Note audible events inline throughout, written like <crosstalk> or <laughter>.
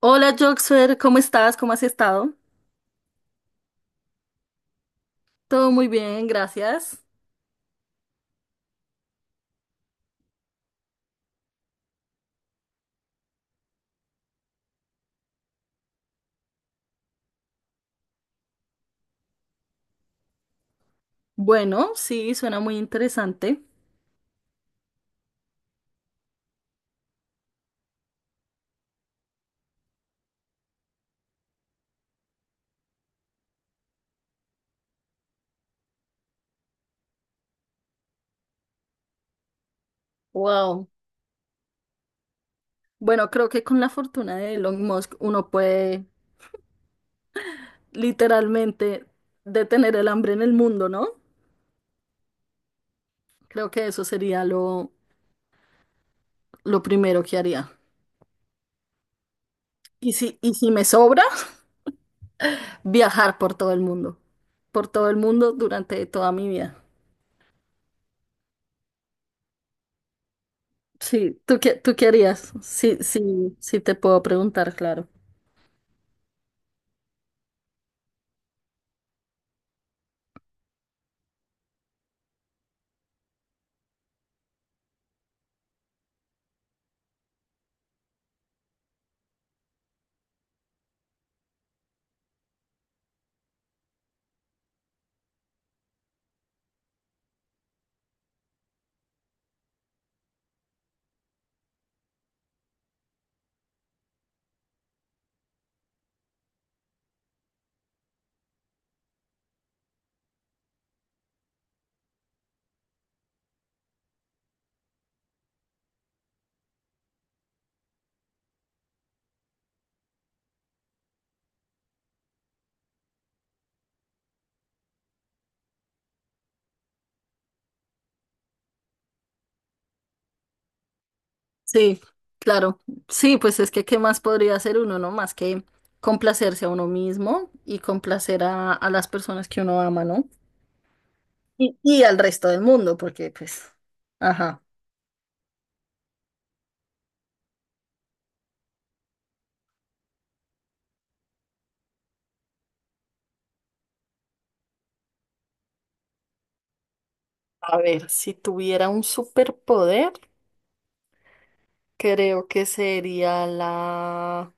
Hola Joxfer, ¿cómo estás? ¿Cómo has estado? Todo muy bien, gracias. Bueno, sí, suena muy interesante. Wow. Bueno, creo que con la fortuna de Elon Musk uno puede literalmente detener el hambre en el mundo, ¿no? Creo que eso sería lo primero que haría. Y si me sobra, <laughs> viajar por todo el mundo. Por todo el mundo durante toda mi vida. Sí, ¿tú qué harías? Sí, sí, sí te puedo preguntar, claro. Sí, claro. Sí, pues es que qué más podría hacer uno, ¿no? Más que complacerse a uno mismo y complacer a las personas que uno ama, ¿no? Y al resto del mundo, porque pues, ajá. A ver, si tuviera un superpoder, creo que sería la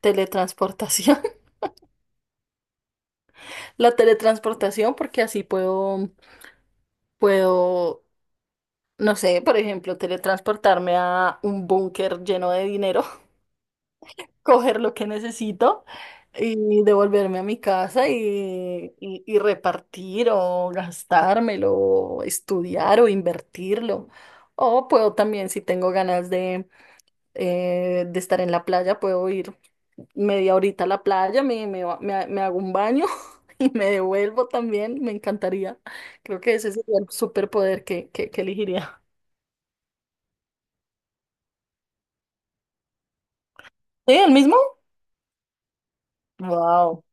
teletransportación. <laughs> La teletransportación, porque así puedo, no sé, por ejemplo, teletransportarme a un búnker lleno de dinero <laughs> coger lo que necesito y devolverme a mi casa y, y repartir o gastármelo, o estudiar o invertirlo. O puedo también, si tengo ganas de estar en la playa, puedo ir media horita a la playa, me, ba- me ha- me hago un baño <laughs> y me devuelvo también. Me encantaría. Creo que ese sería el superpoder que elegiría. ¿Sí? ¿El mismo? Wow.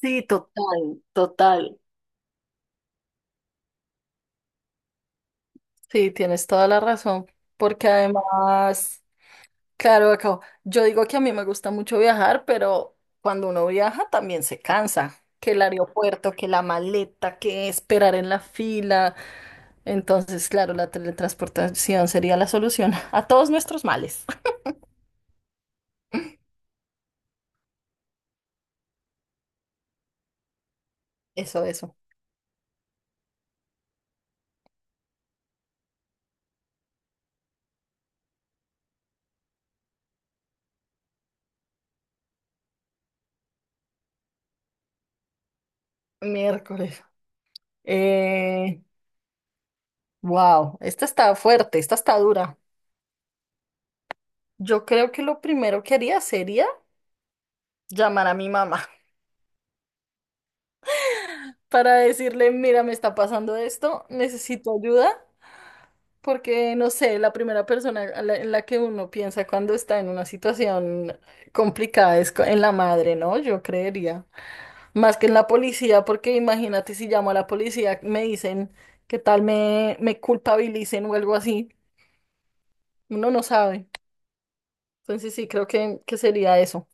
Sí, total, total. Sí, tienes toda la razón, porque además, claro, yo digo que a mí me gusta mucho viajar, pero cuando uno viaja también se cansa, que el aeropuerto, que la maleta, que esperar en la fila. Entonces, claro, la teletransportación sería la solución <laughs> a todos nuestros males. Eso, eso. Miércoles. Eh, wow, esta está fuerte, esta está dura. Yo creo que lo primero que haría sería llamar a mi mamá, para decirle, mira, me está pasando esto, necesito ayuda, porque no sé, la primera persona en la que uno piensa cuando está en una situación complicada en la madre, ¿no? Yo creería, más que en la policía, porque imagínate si llamo a la policía, me dicen que tal me culpabilicen o algo así, uno no sabe. Entonces sí, creo que sería eso.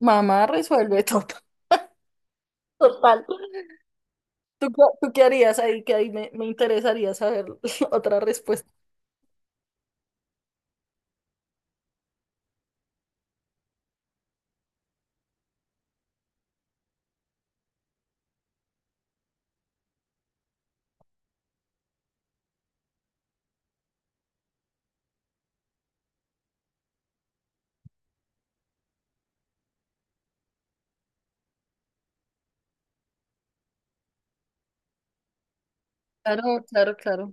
Mamá resuelve todo. <laughs> Total. ¿Tú qué harías ahí? Que ahí me interesaría saber <laughs> otra respuesta. Claro, claro, claro,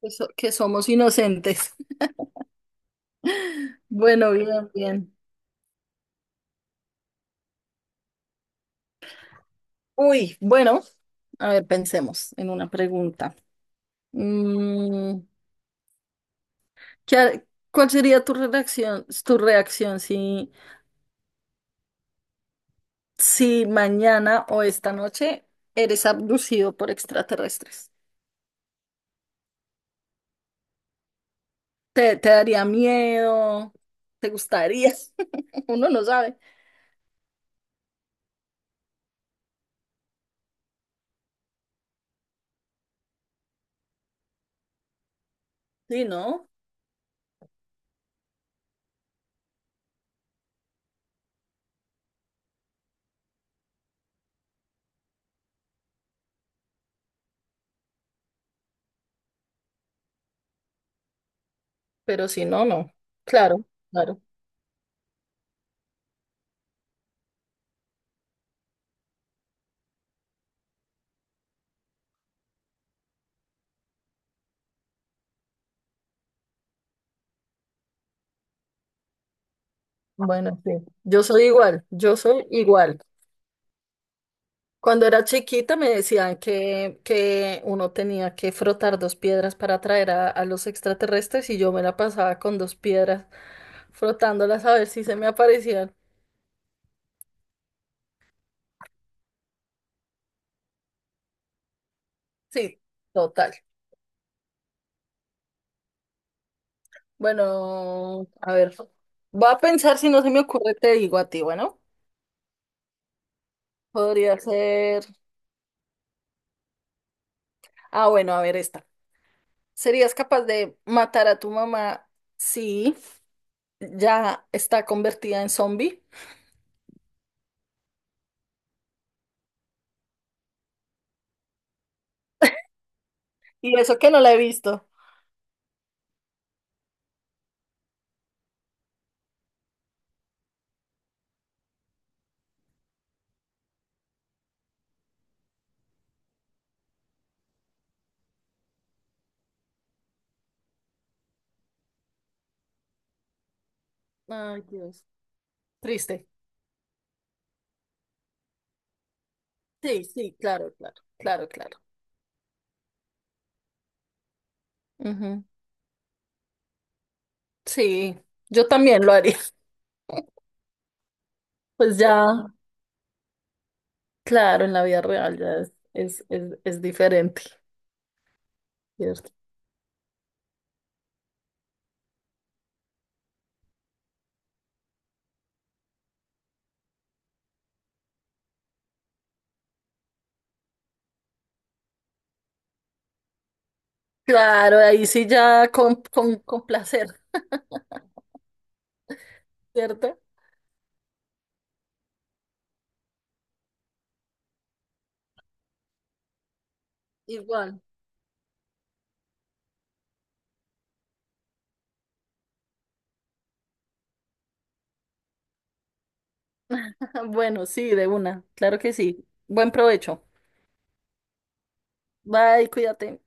que somos inocentes. <laughs> Bueno, bien, bien. Uy, bueno, a ver, pensemos en una pregunta. Mm, ¿qué ha- ¿cuál sería tu reacción si, si mañana o esta noche eres abducido por extraterrestres? ¿Te daría miedo? ¿Te gustaría? <laughs> Uno no sabe. Sí, no, pero si no, no. Claro, claro. Bueno, sí. Yo soy igual, yo soy igual. Cuando era chiquita me decían que uno tenía que frotar dos piedras para atraer a los extraterrestres y yo me la pasaba con dos piedras frotándolas a ver si se me aparecían. Sí, total. Bueno, a ver, voy a pensar si no se me ocurre, te digo a ti, bueno, podría ser. Ah, bueno, a ver esta. ¿Serías capaz de matar a tu mamá si ya está convertida en zombie? Y eso que no la he visto. Ay, Dios. Triste. Sí, sí, claro, claro, claro, claro. Ujú. Sí, yo también lo haría. <laughs> Pues ya, claro, en la vida real ya es diferente, ¿cierto? Claro, ahí sí ya con placer, ¿cierto? Igual. <laughs> Bueno, sí, de una, claro que sí. Buen provecho. Bye, cuídate.